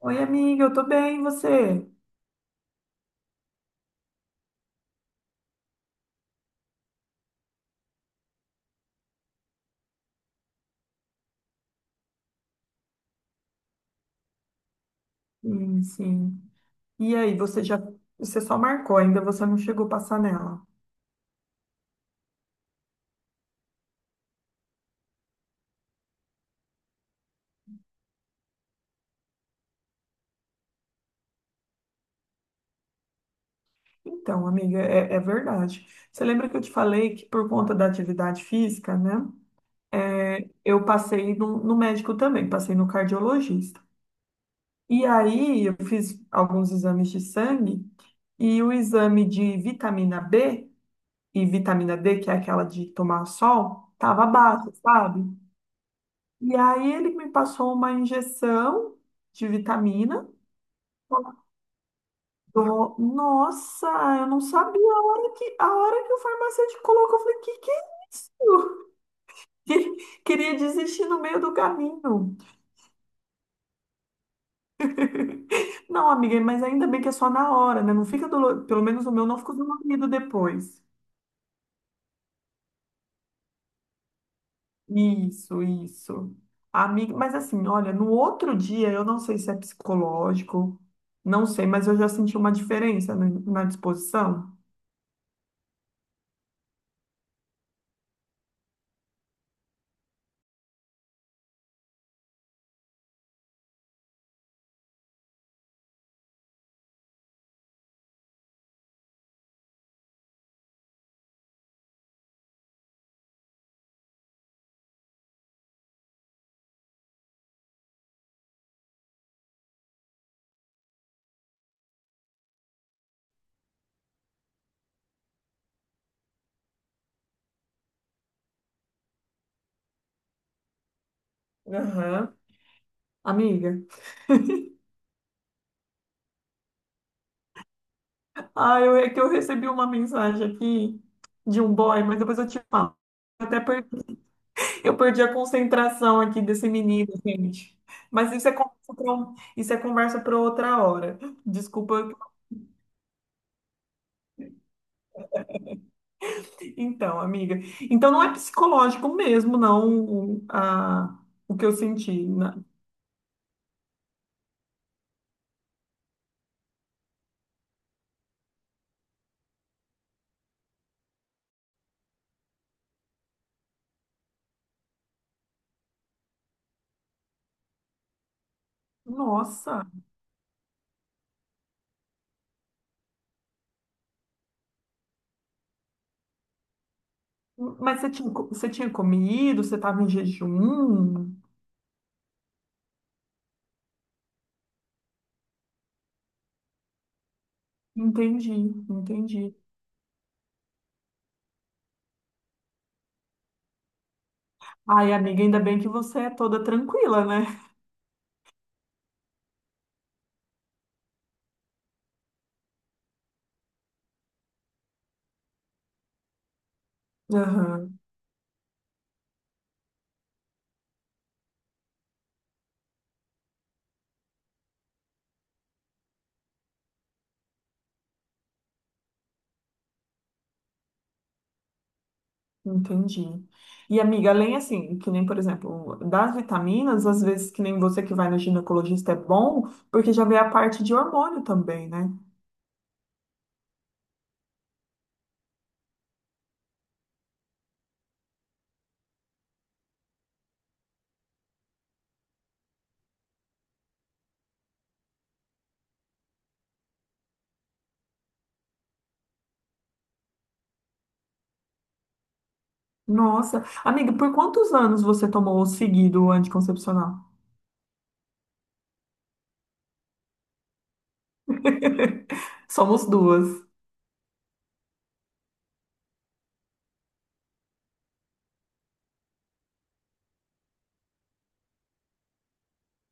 Oi, amiga, eu tô bem, e você? Sim, sim. E aí, você só marcou, ainda você não chegou a passar nela. Então, amiga, é verdade. Você lembra que eu te falei que por conta da atividade física, né? Eu passei no médico também, passei no cardiologista. E aí, eu fiz alguns exames de sangue e o exame de vitamina B e vitamina D, que é aquela de tomar sol, tava baixo, sabe? E aí ele me passou uma injeção de vitamina. Nossa, eu não sabia a a hora que o farmacêutico colocou. Eu falei, que é isso? Queria desistir no meio do caminho. Não, amiga, mas ainda bem que é só na hora, né? Não fica dolorido. Pelo menos o meu não ficou dolorido depois. Isso, isso. Amiga, mas assim, olha, no outro dia, eu não sei se é psicológico, não sei, mas eu já senti uma diferença na disposição. Aham. Amiga. Ah, é que eu recebi uma mensagem aqui de um boy, mas depois eu te falo. Eu até eu perdi a concentração aqui desse menino, gente. Mas isso é conversa para isso é conversa para outra hora. Desculpa. Então, amiga. Então não é psicológico mesmo, não, o- a, o que eu senti. Nossa. Mas você você tinha comido? Você estava em jejum? Entendi, entendi. Ai, amiga, ainda bem que você é toda tranquila, né? Aham, entendi. E, amiga, além assim, que nem, por exemplo, das vitaminas, às vezes que nem você que vai no ginecologista é bom, porque já vê a parte de hormônio também, né? Nossa, amiga, por quantos anos você tomou seguido o anticoncepcional? Somos duas.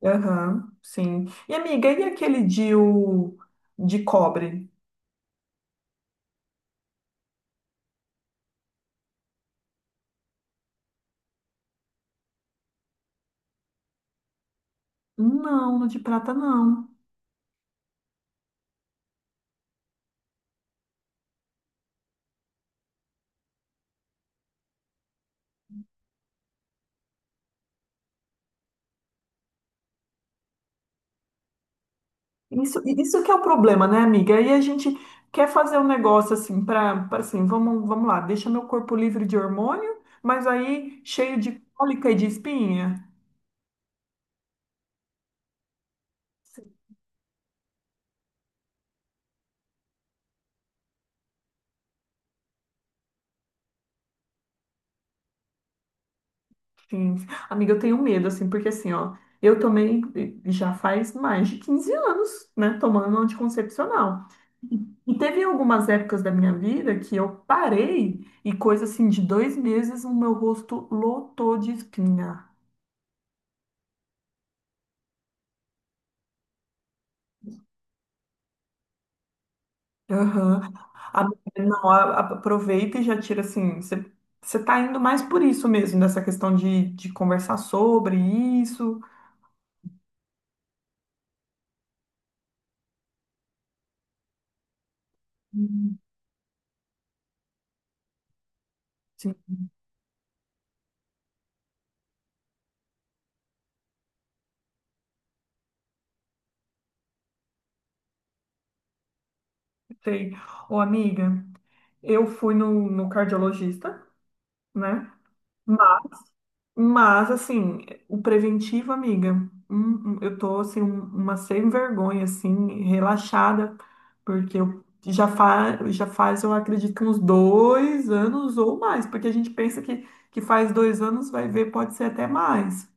Aham, sim. E, amiga, e aquele DIU de cobre? Não, no de prata não. Isso que é o problema, né, amiga? Aí a gente quer fazer um negócio assim para, assim, vamos, vamos lá, deixa meu corpo livre de hormônio, mas aí cheio de cólica e de espinha. Sim. Amiga, eu tenho medo, assim, porque assim, ó, eu tomei já faz mais de 15 anos, né, tomando anticoncepcional. E teve algumas épocas da minha vida que eu parei e coisa assim de dois meses o meu rosto lotou de espinha. Aham. A- Não, aproveita e já tira assim. Você tá indo mais por isso mesmo, nessa questão de conversar sobre isso. Uhum. Sim, sei. Ô, amiga, eu fui no cardiologista, né? Mas, assim, o preventivo, amiga, eu tô, assim, uma sem vergonha, assim, relaxada, porque eu já faz, eu acredito, que uns dois anos ou mais, porque a gente pensa que faz dois anos, vai ver, pode ser até mais.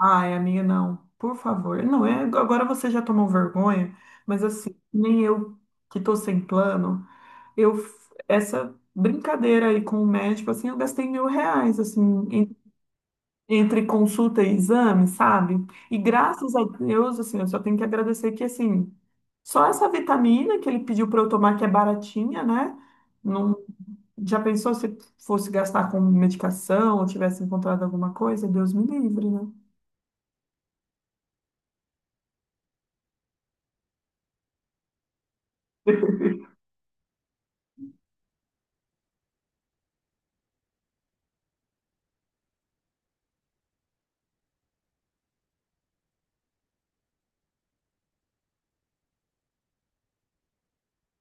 Ai, amiga, não, por favor. Não, é, agora você já tomou vergonha, mas, assim, nem eu que tô sem plano, essa brincadeira aí com o médico, assim, eu gastei 1.000 reais, assim, entre consulta e exame, sabe? E graças a Deus, assim, eu só tenho que agradecer que, assim, só essa vitamina que ele pediu para eu tomar, que é baratinha, né? Não, já pensou se fosse gastar com medicação ou tivesse encontrado alguma coisa? Deus me livre, né?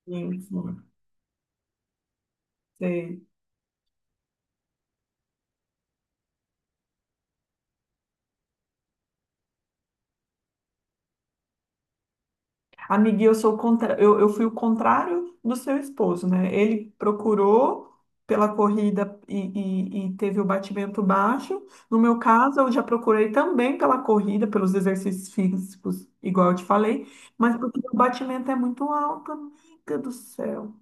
Sim. Sim. Sei. Amiga, eu sou o contra... eu fui o contrário do seu esposo, né? Ele procurou pela corrida e teve o batimento baixo. No meu caso, eu já procurei também pela corrida, pelos exercícios físicos, igual eu te falei, mas porque o batimento é muito alto, amiga do céu.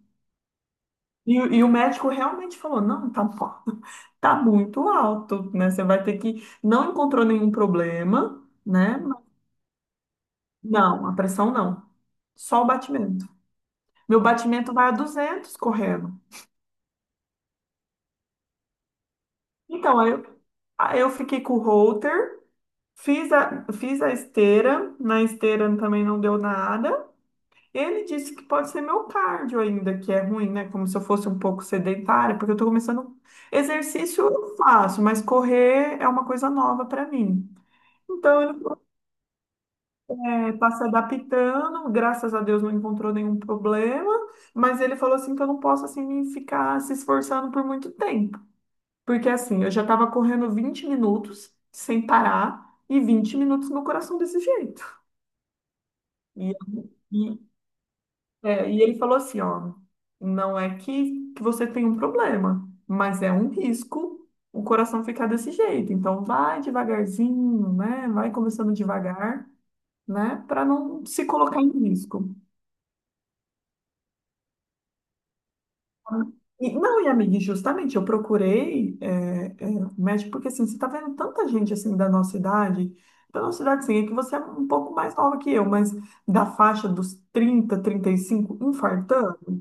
E, e o médico realmente falou: não, tá, bom, tá muito alto, né? Você vai ter que. Não encontrou nenhum problema, né? Não, a pressão não, só o batimento. Meu batimento vai a 200 correndo. Então, aí eu fiquei com o halter, fiz a esteira, na esteira também não deu nada. Ele disse que pode ser meu cardio ainda, que é ruim, né? Como se eu fosse um pouco sedentária, porque eu tô começando. Exercício eu faço, mas correr é uma coisa nova para mim. Então, ele é, tá se adaptando, graças a Deus não encontrou nenhum problema, mas ele falou assim que eu não posso assim ficar se esforçando por muito tempo. Porque assim, eu já estava correndo 20 minutos sem parar e 20 minutos no coração desse jeito. E, e, e ele falou assim, ó, não é que você tem um problema, mas é um risco o coração ficar desse jeito. Então vai devagarzinho, né? Vai começando devagar, né? Para não se colocar em risco. E, não, e amiga, e justamente eu procurei médico porque assim, você está vendo tanta gente assim da nossa idade sim, é que você é um pouco mais nova que eu, mas da faixa dos 35 infartando.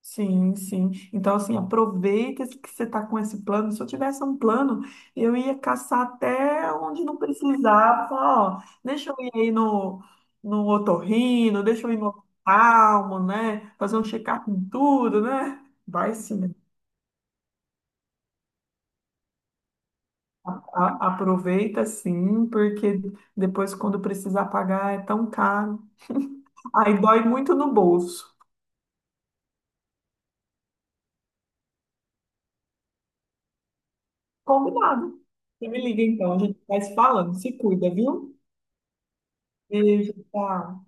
Sim, sim. Então, assim, aproveita esse- que você está com esse plano. Se eu tivesse um plano, eu ia caçar até onde não precisava. Falar, ó, deixa eu ir aí no, no otorrino, deixa eu ir no oftalmo, né? Fazer um check-up em tudo, né? Vai sim. Aproveita sim, porque depois, quando precisar pagar, é tão caro. Aí dói muito no bolso. Combinado. Você me liga então, a gente vai se falando. Se cuida, viu? Beijo, tchau.